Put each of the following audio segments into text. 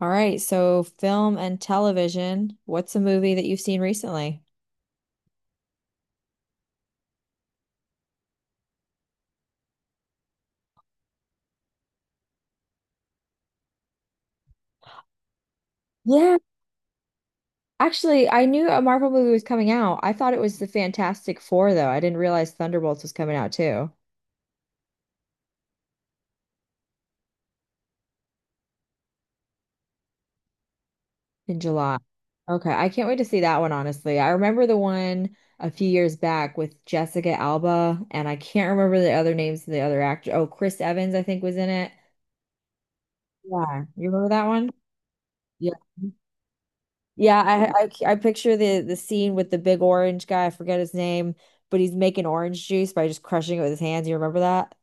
All right, so film and television. What's a movie that you've seen recently? Yeah, actually, I knew a Marvel movie was coming out. I thought it was the Fantastic Four, though. I didn't realize Thunderbolts was coming out too in July. Okay, I can't wait to see that one, honestly. I remember the one a few years back with Jessica Alba, and I can't remember the other names of the other actor. Oh, Chris Evans, I think, was in it. Yeah, you remember that one? Yeah. Yeah, I picture the scene with the big orange guy. I forget his name, but he's making orange juice by just crushing it with his hands. You remember that?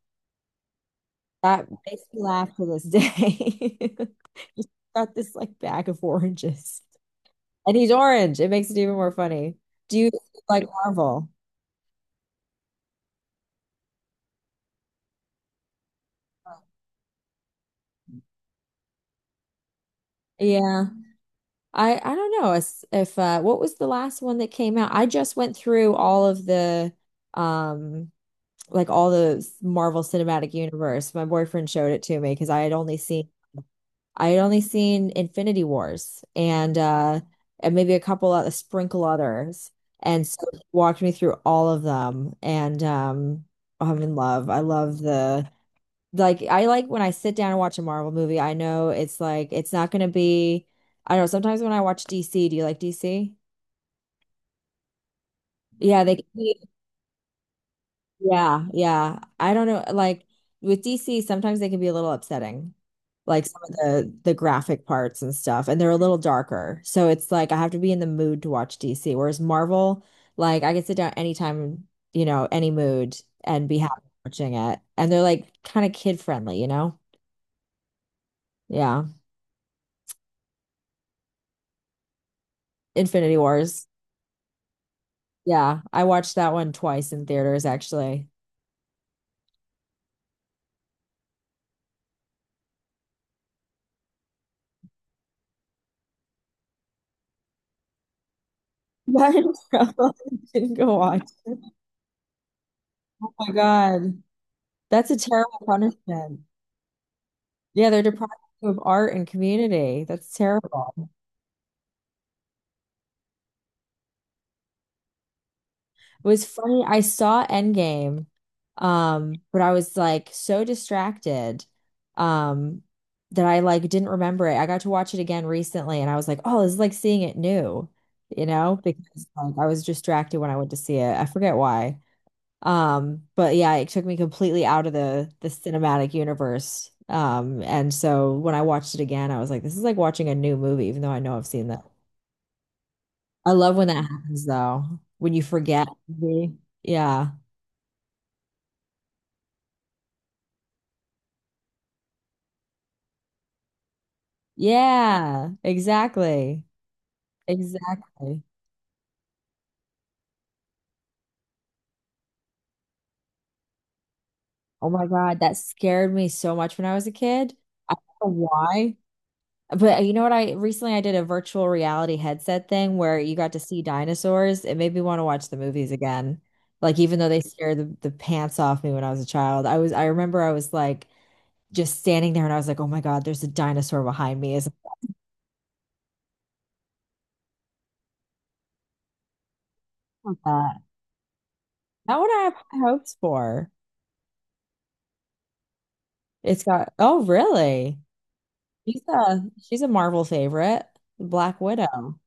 That makes me laugh to this day. Just got this like bag of oranges, and he's orange. It makes it even more funny. Do you like Marvel? Yeah, I don't know if, what was the last one that came out? I just went through all of the um like all the Marvel Cinematic Universe. My boyfriend showed it to me because I had only seen. I had only seen Infinity Wars and and maybe a couple of a sprinkle others. And so he walked me through all of them and I'm in love. I love the like I like when I sit down and watch a Marvel movie, I know it's like it's not gonna be I don't know, sometimes when I watch DC, do you like DC? Yeah, they can be, yeah, yeah. I don't know, like with DC, sometimes they can be a little upsetting. Like some of the graphic parts and stuff, and they're a little darker. So it's like I have to be in the mood to watch DC. Whereas Marvel, like I can sit down anytime, you know, any mood and be happy watching it. And they're like kind of kid friendly, you know? Yeah. Infinity Wars. Yeah. I watched that one twice in theaters actually. But I didn't go watch. It. Oh my God. That's a terrible punishment. Yeah, they're deprived of art and community. That's terrible. It was funny. I saw Endgame, but I was like so distracted, um, that I like didn't remember it. I got to watch it again recently, and I was like, oh, this is like seeing it new, you know, because like I was distracted when I went to see it. I forget why. But yeah, it took me completely out of the cinematic universe. And so when I watched it again, I was like, this is like watching a new movie, even though I know I've seen that. I love when that happens though, when you forget. Mhm. Yeah. Yeah, exactly. Exactly. Oh my God, that scared me so much when I was a kid. I don't know why? But you know what? I recently I did a virtual reality headset thing where you got to see dinosaurs. It made me want to watch the movies again. Like even though they scared the pants off me when I was a child, I was I remember I was like just standing there and I was like, oh my God, there's a dinosaur behind me. Is that not what I have high hopes for? It's got oh really? She's a Marvel favorite, Black Widow.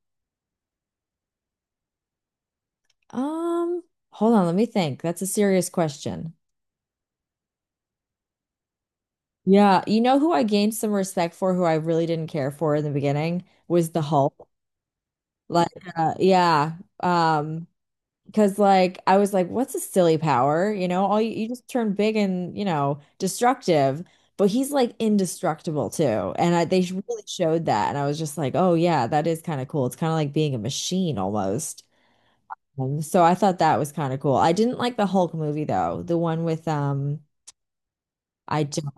Um, Hold on, let me think. That's a serious question. Yeah, you know who I gained some respect for, who I really didn't care for in the beginning was the Hulk. Like, uh, yeah, um, because like I was like, what's a silly power? You know, all you just turn big and you know destructive, but he's like indestructible too, they really showed that, and I was just like, oh yeah, that is kind of cool. It's kind of like being a machine almost. So I thought that was kind of cool. I didn't like the Hulk movie though. The one with I don't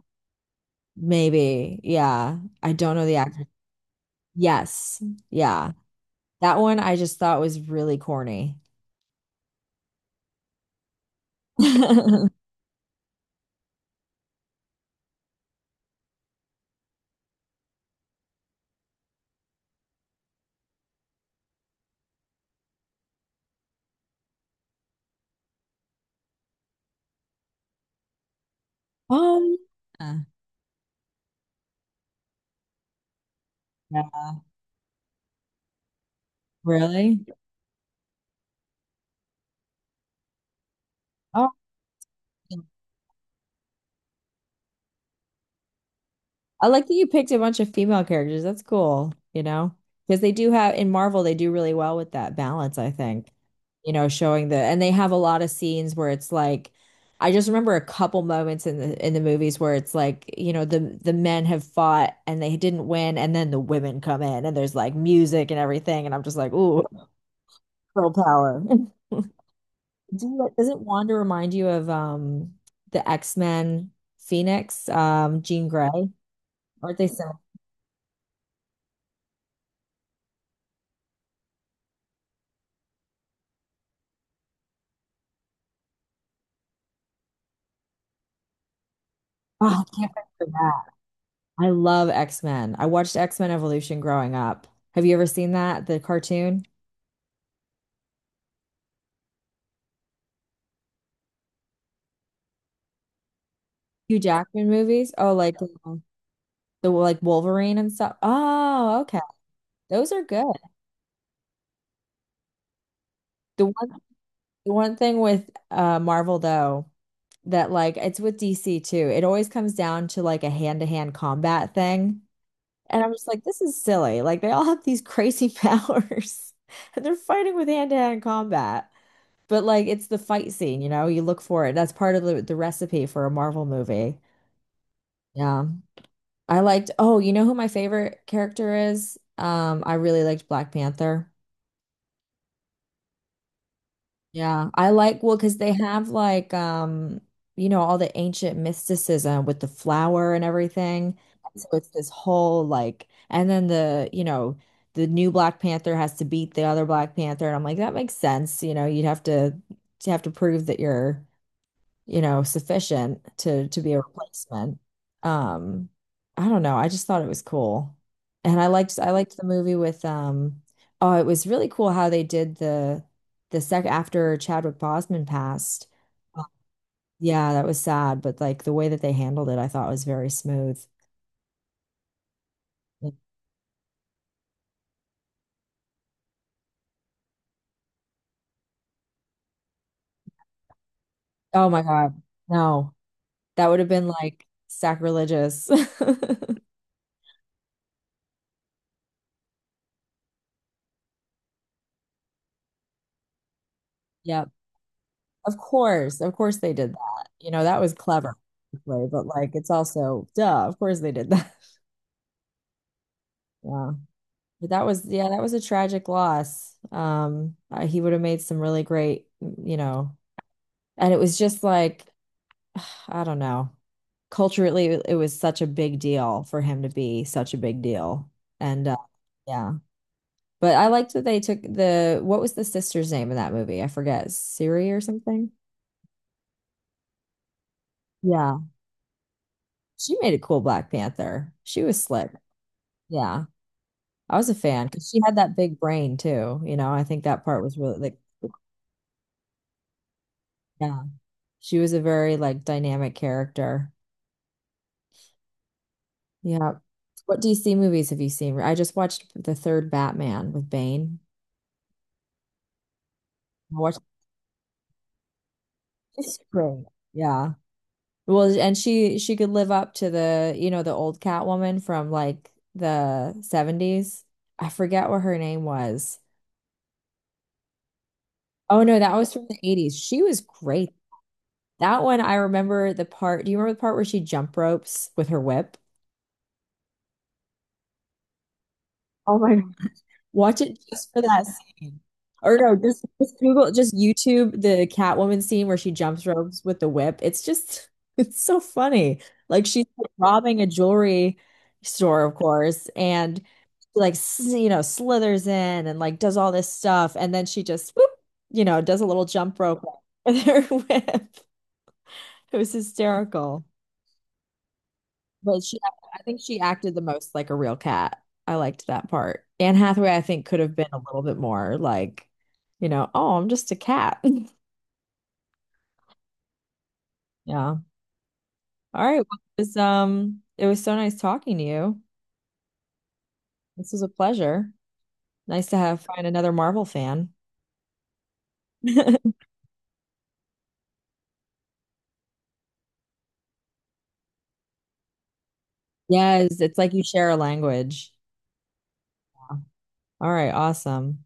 maybe. Yeah. I don't know the actor. Yes. Yeah. That one I just thought was really corny. Um, uh, yeah, really? Oh. I like that you picked a bunch of female characters. That's cool, you know, because they do have in Marvel, they do really well with that balance, I think. You know, showing the and they have a lot of scenes where it's like I just remember a couple moments in the movies where it's like, you know, the men have fought and they didn't win and then the women come in and there's like music and everything and I'm just like, ooh, girl power. Do you- Doesn't Wanda remind you of the X-Men Phoenix, Jean Grey? Aren't they similar? Oh, I can't remember that. I love X-Men. I watched X-Men Evolution growing up. Have you ever seen that? The cartoon? Hugh Jackman movies? Oh, the like Wolverine and stuff. Oh, okay. Those are good. The one the one thing with Marvel though, that like it's with DC too. It always comes down to like a hand-to-hand combat thing. And I'm just like, this is silly. Like they all have these crazy powers and they're fighting with hand-to-hand combat. But like it's the fight scene, you know, you look for it. That's part of the recipe for a Marvel movie. Yeah. I liked, oh, you know who my favorite character is? I really liked Black Panther. Yeah. I like, well, because they have like you know, all the ancient mysticism with the flower and everything. So it's this whole like and then the, you know, the new Black Panther has to beat the other Black Panther. And I'm like, that makes sense. You know, you'd have to have to prove that you're you know, sufficient to be a replacement. Um, I don't know. I just thought it was cool. And I liked the movie with oh, it was really cool how they did the sec after Chadwick Boseman passed. uh, Yeah, that was sad, but like the way that they handled it, I thought was very smooth. Like, oh my God. No. That would have been like sacrilegious. Yep. Of course they did that. You know, that was clever, basically, but like it's also duh, of course they did that. Yeah. But that was yeah, that was a tragic loss. He would have made some really great, mm, you know, and it was just like I don't know. Culturally, it was such a big deal for him to be such a big deal. And yeah. But I liked that they took the what was the sister's name in that movie? I forget. Siri or something? Yeah. She made a cool Black Panther. She was slick. Yeah. I was a fan because she had that big brain too. You know, I think that part was really like, yeah, she was a very like dynamic character. Yeah. What DC movies have you seen? I just watched the third Batman with Bane. I watched it's great. Yeah. Well, and she could live up to the, you know, the old Catwoman from like the 70s. I forget what her name was. Oh no, that was from the 80s. She was great. That one I remember the part. Do you remember the part where she jump ropes with her whip? Oh my God. Watch it just for that scene. Or no, just Google, just YouTube the Catwoman scene where she jumps ropes with the whip. It's just, it's so funny. Like she's robbing a jewelry store, of course, and like s- you know slithers in and like does all this stuff, and then she just whoop, you know, does a little jump rope with her whip. It was hysterical. But she, I think she acted the most like a real cat. I liked that part. Anne Hathaway, I think, could have been a little bit more like, you know, oh, I'm just a cat. Yeah. All right. Well, it was so nice talking to you. This was a pleasure. Nice to have find another Marvel fan. Yes, it's like you share a language. All right, awesome.